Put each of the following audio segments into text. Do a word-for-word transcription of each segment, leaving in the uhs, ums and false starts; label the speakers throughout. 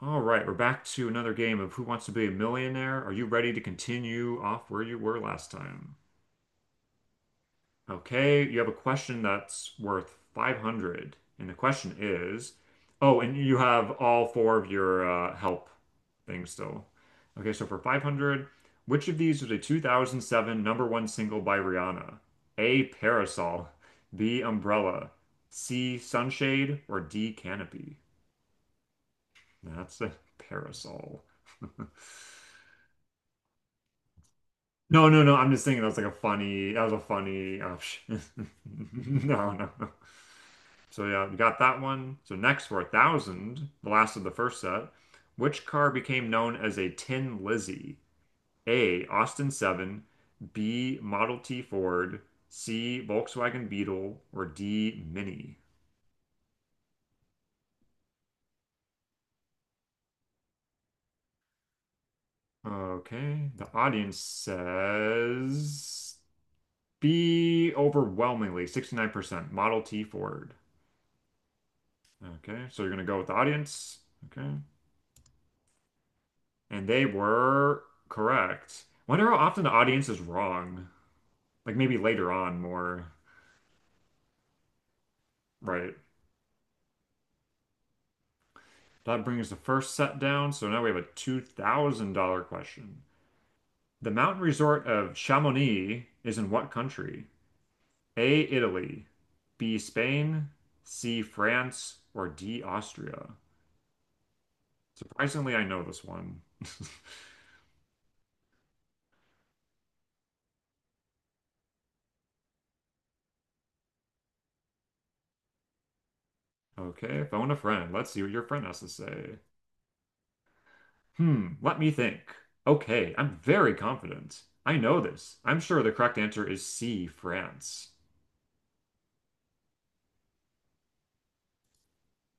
Speaker 1: All right, we're back to another game of Who Wants to Be a Millionaire? Are you ready to continue off where you were last time? Okay, you have a question that's worth five hundred. And the question is, oh, and you have all four of your uh, help things still. Okay, so for five hundred, which of these was a two thousand seven number one single by Rihanna? A, Parasol, B, Umbrella, C, Sunshade, or D, Canopy? That's a parasol. No, no, no. I'm just thinking that was like a funny, that was a funny option. No, no, no. So yeah, we got that one. So next for a thousand, the last of the first set, which car became known as a Tin Lizzie? A. Austin seven, B. Model T Ford, C. Volkswagen Beetle, or D. Mini. Okay, the audience says B overwhelmingly, sixty-nine percent, Model T Ford. Okay, so you're gonna go with the audience. Okay. And they were correct. Wonder how often the audience is wrong. Like maybe later on more. Right. That brings the first set down, so now we have a two thousand dollars question. The mountain resort of Chamonix is in what country? A, Italy, B, Spain, C, France, or D, Austria? Surprisingly, I know this one. Okay, phone a friend. Let's see what your friend has to say. Hmm, let me think. Okay, I'm very confident. I know this. I'm sure the correct answer is C, France.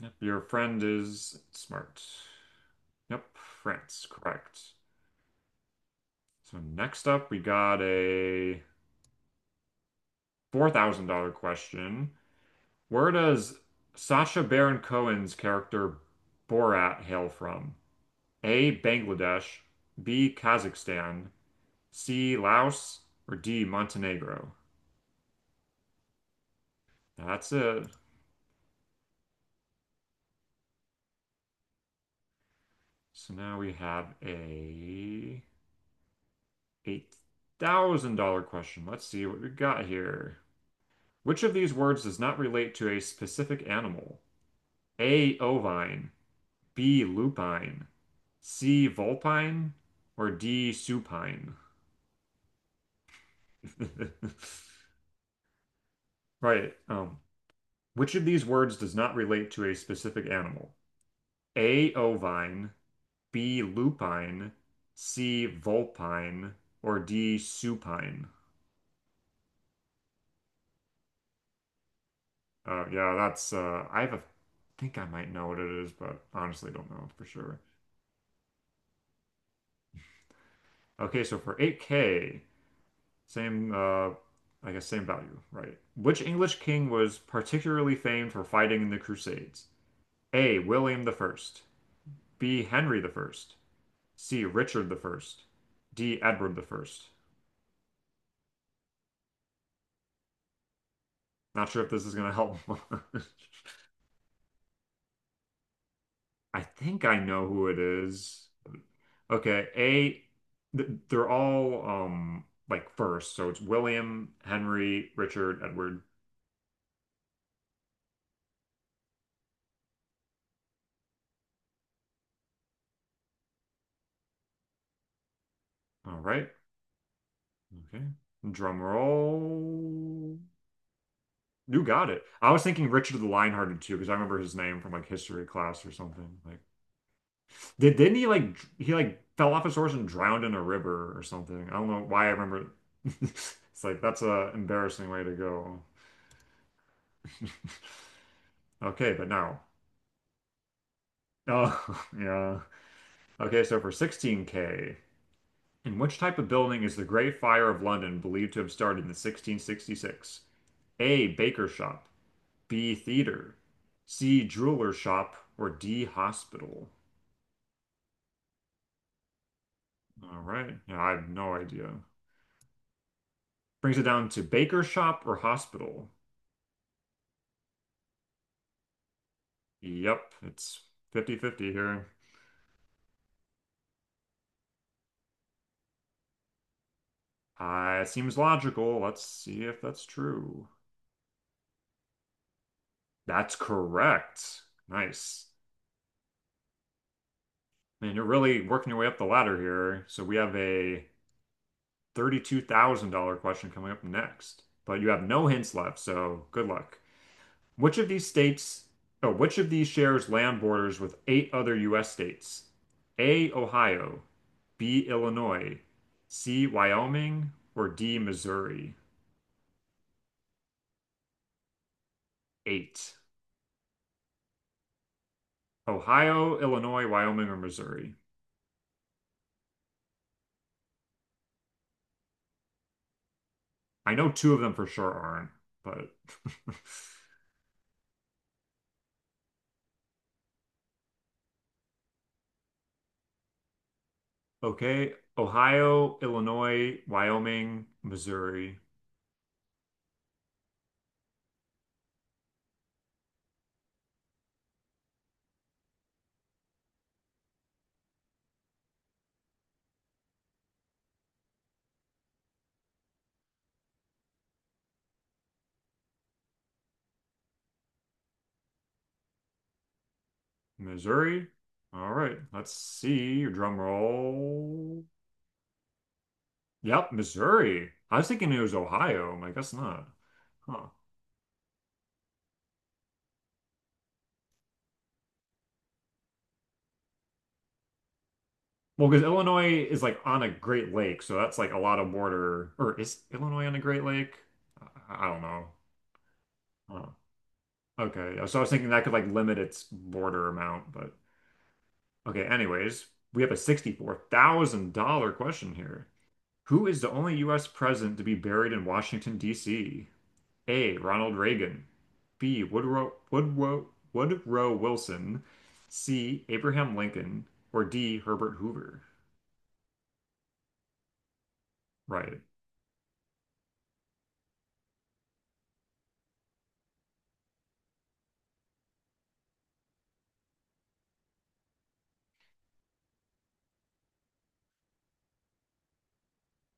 Speaker 1: Yep, your friend is smart. Yep, France, correct. So next up, we got a four thousand dollars question. Where does Sacha Baron Cohen's character Borat hail from? A, Bangladesh, B, Kazakhstan, C, Laos, or D, Montenegro? That's it. So now we have a eight thousand dollars question. Let's see what we got here. Which of these words does not relate to a specific animal? A. Ovine, B. Lupine, C. Vulpine, or D. Supine? Right. Um, which of these words does not relate to a specific animal? A. Ovine, B. Lupine, C. Vulpine, or D. Supine? Oh yeah, that's uh I have a think I might know what it is, but honestly don't know for sure. Okay, so for eight K, same uh I guess same value, right? Which English king was particularly famed for fighting in the Crusades? A. William the First, B. Henry the First, C. Richard the First, D. Edward the First. Not sure if this is gonna help. much. I think I know who it is. Okay, A, th they're all um like first, so it's William, Henry, Richard, Edward. All right. Okay. Drum roll. You got it. I was thinking Richard the Lionhearted too, because I remember his name from like history class or something. Like, did, didn't he like dr- he like fell off his horse and drowned in a river or something? I don't know why I remember. It's like that's a embarrassing way to go. Okay, but now, oh yeah. Okay, so for sixteen K. In which type of building is the Great Fire of London believed to have started in sixteen sixty-six? A. Baker shop. B. Theater. C. Jeweler shop. Or D. Hospital? All right. Yeah, I have no idea. Brings it down to baker shop or hospital. Yep, it's fifty-fifty here. Uh, it seems logical. Let's see if that's true. That's correct. Nice. Man, you're really working your way up the ladder here. So we have a thirty-two thousand dollars question coming up next, but you have no hints left, so good luck. Which of these states, oh, which of these shares land borders with eight other U S states? A, Ohio, B, Illinois, C, Wyoming, or D, Missouri? Eight. Ohio, Illinois, Wyoming, or Missouri? I know two of them for sure aren't, but okay. Ohio, Illinois, Wyoming, Missouri. Missouri. All right, let's see your drum roll. Yep, Missouri. I was thinking it was Ohio. I'm like, that's not. Huh. Well, because Illinois is like on a Great Lake, so that's like a lot of border. Or is Illinois on a Great Lake? I, I don't know. Huh. Okay, yeah, so I was thinking that could like limit its border amount, but okay, anyways, we have a sixty-four thousand dollars question here. Who is the only U S president to be buried in Washington, D C? A. Ronald Reagan. B. Woodrow, Woodrow, Woodrow Wilson. C. Abraham Lincoln. Or D. Herbert Hoover. Right.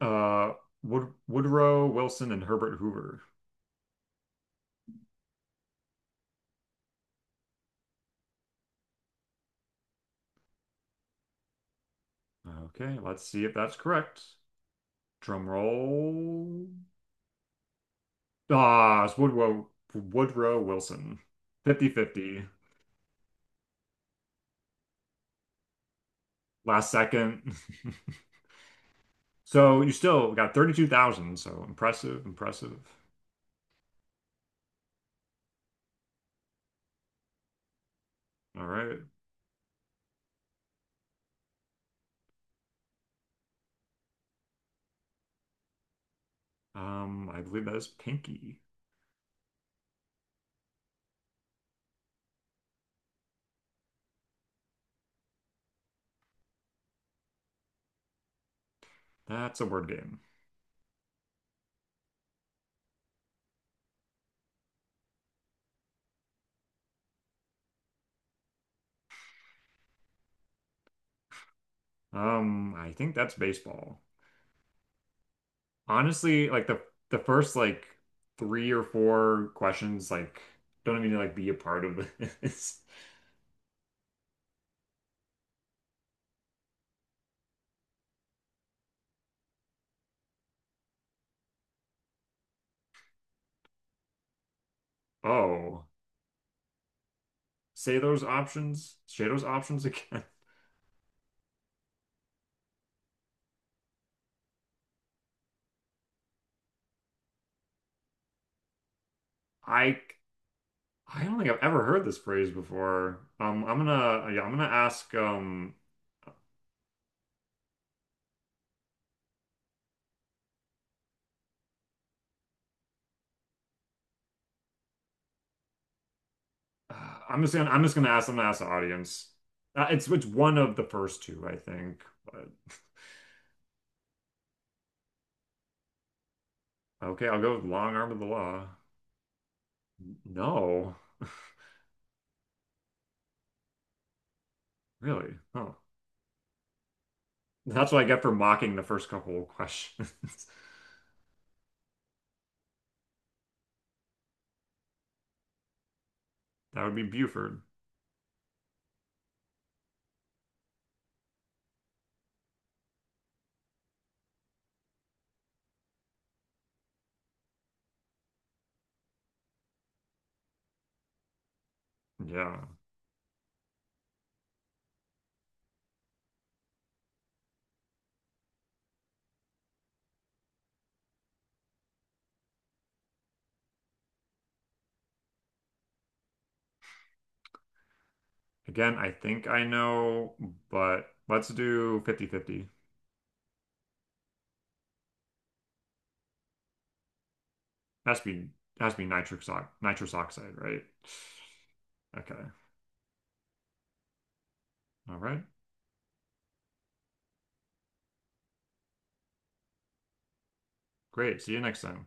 Speaker 1: Uh, Wood, Woodrow Wilson and Herbert Hoover. Okay, let's see if that's correct. Drum roll. Ah, it's Woodrow, Woodrow Wilson. Fifty-fifty. Last second. So you still got thirty-two thousand. So impressive, impressive. All right. Um, I believe that is Pinky. That's a word game. Um, I think that's baseball. Honestly, like the the first like three or four questions, like don't even like be a part of this. Oh, say those options, say those options again. I I don't think I've ever heard this phrase before. Um, I'm gonna yeah, I'm gonna ask. Um, uh, I'm just gonna I'm just gonna ask. I'm gonna ask the audience. Uh, it's it's one of the first two, I think. But okay, I'll go with long arm of the law. No. Really? Oh. That's what I get for mocking the first couple of questions. That would be Buford. Yeah. Again, I think I know, but let's do fifty-fifty. Has to be has to be nitric ox nitrous oxide, right? Okay. All right. Great. See you next time.